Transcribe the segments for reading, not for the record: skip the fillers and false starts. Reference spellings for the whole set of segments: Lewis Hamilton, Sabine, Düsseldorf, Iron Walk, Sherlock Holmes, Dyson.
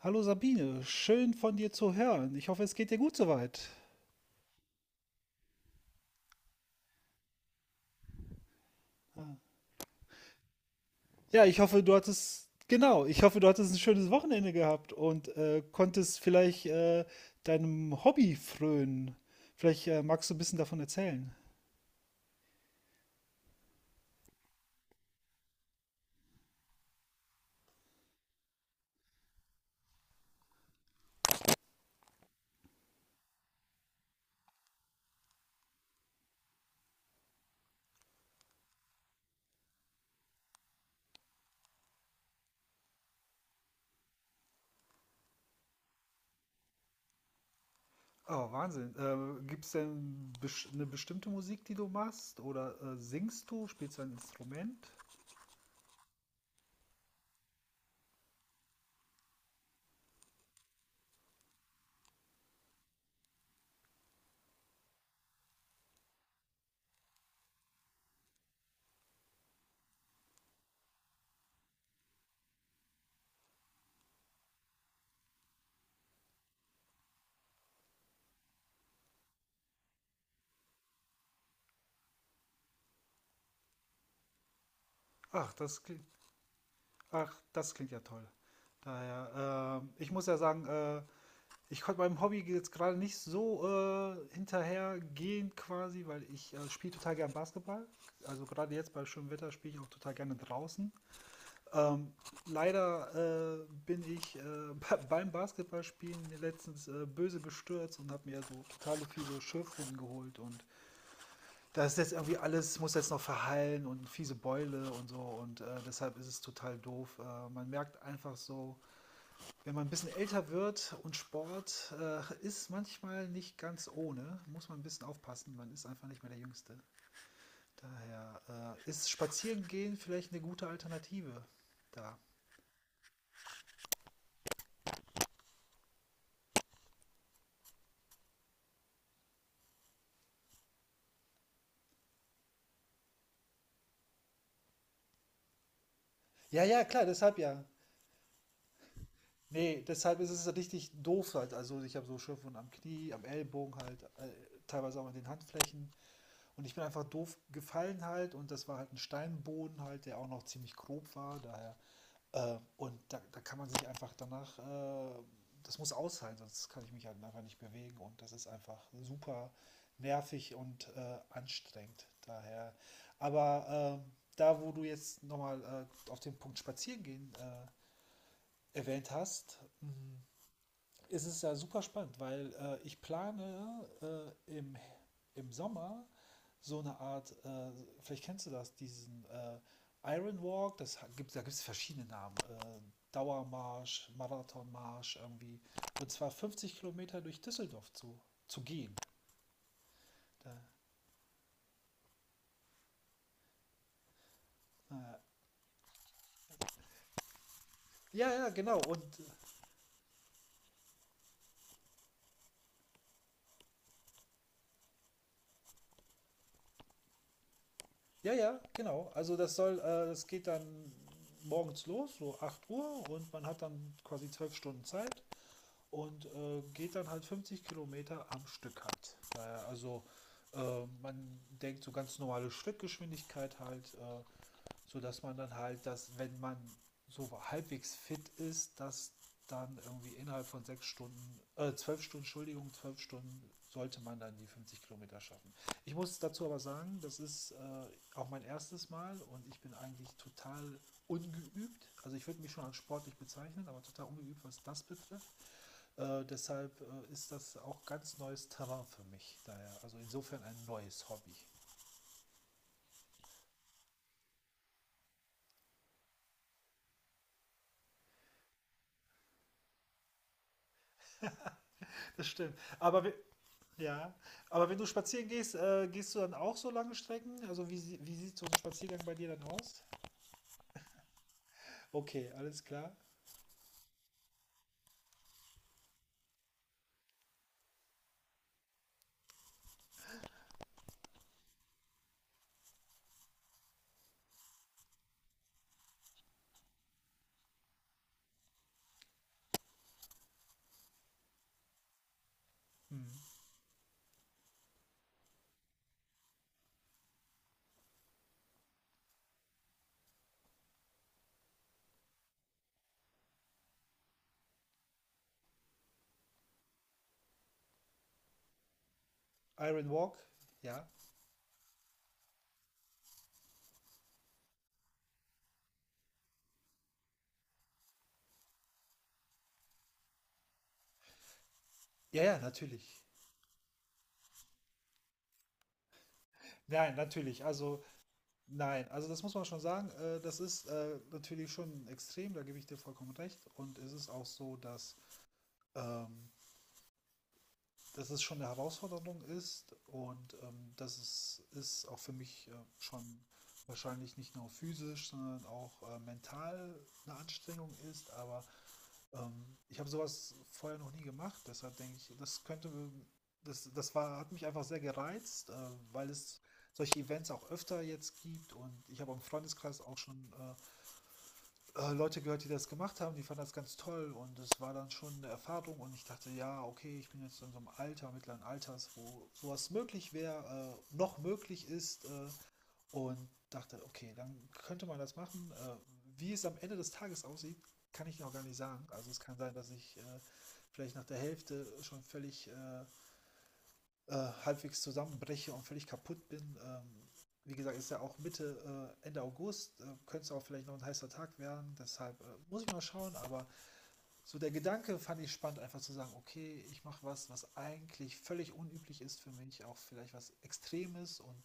Hallo Sabine, schön von dir zu hören. Ich hoffe, es geht dir gut soweit. Ja, ich hoffe, du hattest, genau, ich hoffe, du hattest ein schönes Wochenende gehabt und konntest vielleicht deinem Hobby frönen. Vielleicht magst du ein bisschen davon erzählen. Oh, Wahnsinn. Gibt es denn eine bestimmte Musik, die du machst? Oder singst du? Spielst du ein Instrument? Ach, das klingt, ach, das klingt ja toll. Daher, ich muss ja sagen, ich konnte meinem Hobby jetzt gerade nicht so hinterhergehen quasi, weil ich spiele total gern Basketball. Also gerade jetzt bei schönem Wetter spiele ich auch total gerne draußen. Ähm, Leider bin ich beim Basketballspielen letztens böse bestürzt und habe mir so totale fiese Schürfwunden geholt und das ist jetzt irgendwie alles, muss jetzt noch verheilen und fiese Beule und so und deshalb ist es total doof. Man merkt einfach so, wenn man ein bisschen älter wird und Sport ist manchmal nicht ganz ohne, muss man ein bisschen aufpassen. Man ist einfach nicht mehr der Jüngste. Daher ist Spazierengehen vielleicht eine gute Alternative da. Ja, ja, klar, deshalb ja. Nee, deshalb ist es richtig doof halt. Also ich habe so Schürfwunden am Knie, am Ellbogen halt, teilweise auch an den Handflächen. Und ich bin einfach doof gefallen halt und das war halt ein Steinboden halt, der auch noch ziemlich grob war, daher. Und da kann man sich einfach danach, das muss aushalten, sonst kann ich mich halt einfach nicht bewegen und das ist einfach super nervig und anstrengend, daher. Aber da, wo du jetzt nochmal auf den Punkt Spazieren gehen erwähnt hast, es ist es ja super spannend, weil ich plane äh, im, im Sommer so eine Art, vielleicht kennst du das, diesen Iron Walk, das gibt, da gibt es verschiedene Namen. Dauermarsch, Marathonmarsch irgendwie. Und zwar 50 Kilometer durch Düsseldorf zu gehen. Da, äh, ja, ja, genau. Und ja, ja, genau. Also das soll, das geht dann morgens los, so 8 Uhr und man hat dann quasi 12 Stunden Zeit. Und geht dann halt 50 Kilometer am Stück halt. Also man denkt so ganz normale Schrittgeschwindigkeit halt, sodass man dann halt, dass wenn man so halbwegs fit ist, dass dann irgendwie innerhalb von 6 Stunden, 12 Stunden, Entschuldigung, 12 Stunden sollte man dann die 50 Kilometer schaffen. Ich muss dazu aber sagen, das ist auch mein erstes Mal und ich bin eigentlich total ungeübt. Also ich würde mich schon als sportlich bezeichnen, aber total ungeübt, was das betrifft. Deshalb ist das auch ganz neues Terrain für mich. Daher, also insofern ein neues Hobby. Das stimmt. Aber ja, aber wenn du spazieren gehst, gehst du dann auch so lange Strecken? Also wie sieht so ein Spaziergang bei dir dann aus? Okay, alles klar. Hm. Iron Walk, ja. Ja, ja, natürlich. Nein, natürlich. Also nein, also das muss man schon sagen. Das ist natürlich schon extrem, da gebe ich dir vollkommen recht. Und es ist auch so, dass ähm, dass es schon eine Herausforderung ist und dass es ist auch für mich schon wahrscheinlich nicht nur physisch, sondern auch mental eine Anstrengung ist. Aber ich habe sowas vorher noch nie gemacht, deshalb denke ich, das hat mich einfach sehr gereizt, weil es solche Events auch öfter jetzt gibt und ich habe im Freundeskreis auch schon Leute gehört, die das gemacht haben, die fanden das ganz toll und es war dann schon eine Erfahrung und ich dachte, ja, okay, ich bin jetzt in so einem Alter, mittleren Alters, wo sowas möglich wäre, noch möglich ist und dachte, okay, dann könnte man das machen. Wie es am Ende des Tages aussieht, kann ich noch gar nicht sagen. Also es kann sein, dass ich vielleicht nach der Hälfte schon völlig äh, halbwegs zusammenbreche und völlig kaputt bin. Wie gesagt, ist ja auch Mitte, Ende August, könnte es auch vielleicht noch ein heißer Tag werden, deshalb muss ich mal schauen, aber so der Gedanke fand ich spannend, einfach zu sagen, okay, ich mache was, was eigentlich völlig unüblich ist für mich, auch vielleicht was Extremes. Und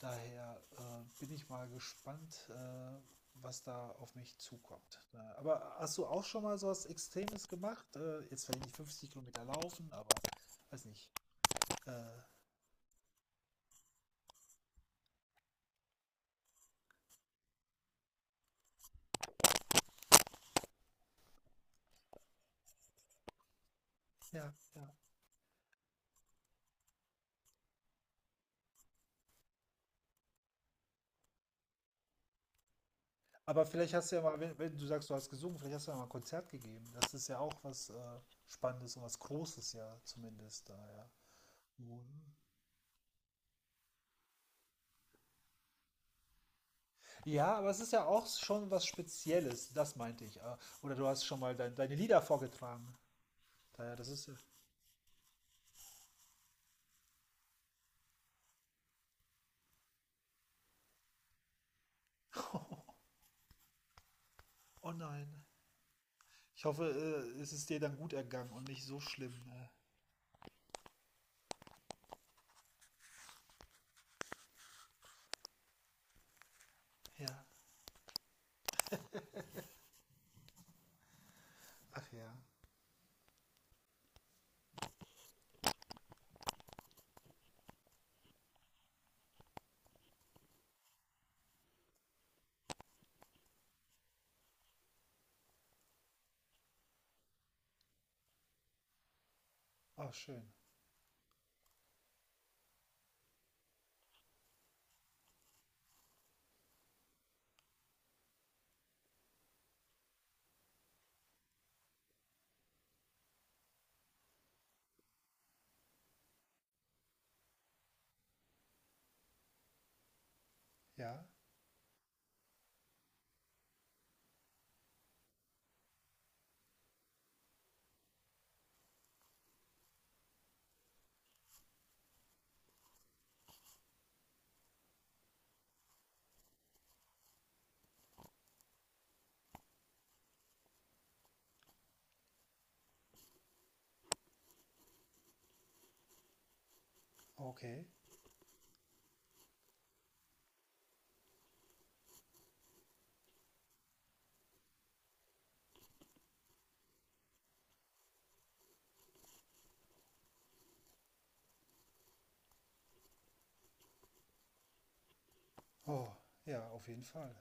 daher bin ich mal gespannt, was da auf mich zukommt. Aber hast du auch schon mal so was Extremes gemacht? Jetzt vielleicht nicht 50 Kilometer laufen, aber weiß nicht. Äh, ja, ja. Aber vielleicht hast du ja mal, wenn du sagst, du hast gesungen, vielleicht hast du ja mal ein Konzert gegeben. Das ist ja auch was Spannendes und was Großes ja zumindest da, ja. Mhm. Ja, aber es ist ja auch schon was Spezielles, das meinte ich. Oder du hast schon mal deine Lieder vorgetragen. Daher, das ist ja. Oh nein. Ich hoffe, es ist dir dann gut ergangen und nicht so schlimm. Ja. Ach ja. Oh, schön. Ja, okay. Oh, ja, auf jeden Fall.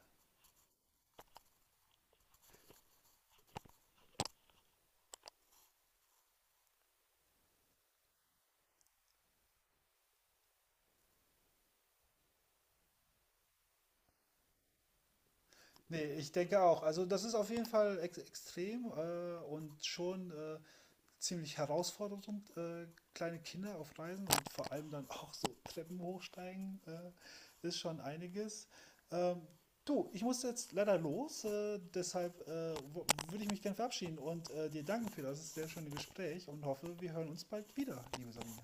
Nee, ich denke auch. Also das ist auf jeden Fall ex extrem und schon ziemlich herausfordernd, äh, kleine Kinder auf Reisen und vor allem dann auch so Treppen hochsteigen, ist schon einiges. Ähm, Du, ich muss jetzt leider los, deshalb würde ich mich gerne verabschieden und dir danken für das sehr schöne Gespräch und hoffe, wir hören uns bald wieder, liebe Sabine.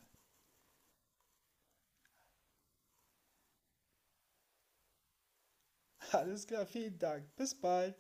Alles klar, vielen Dank. Bis bald.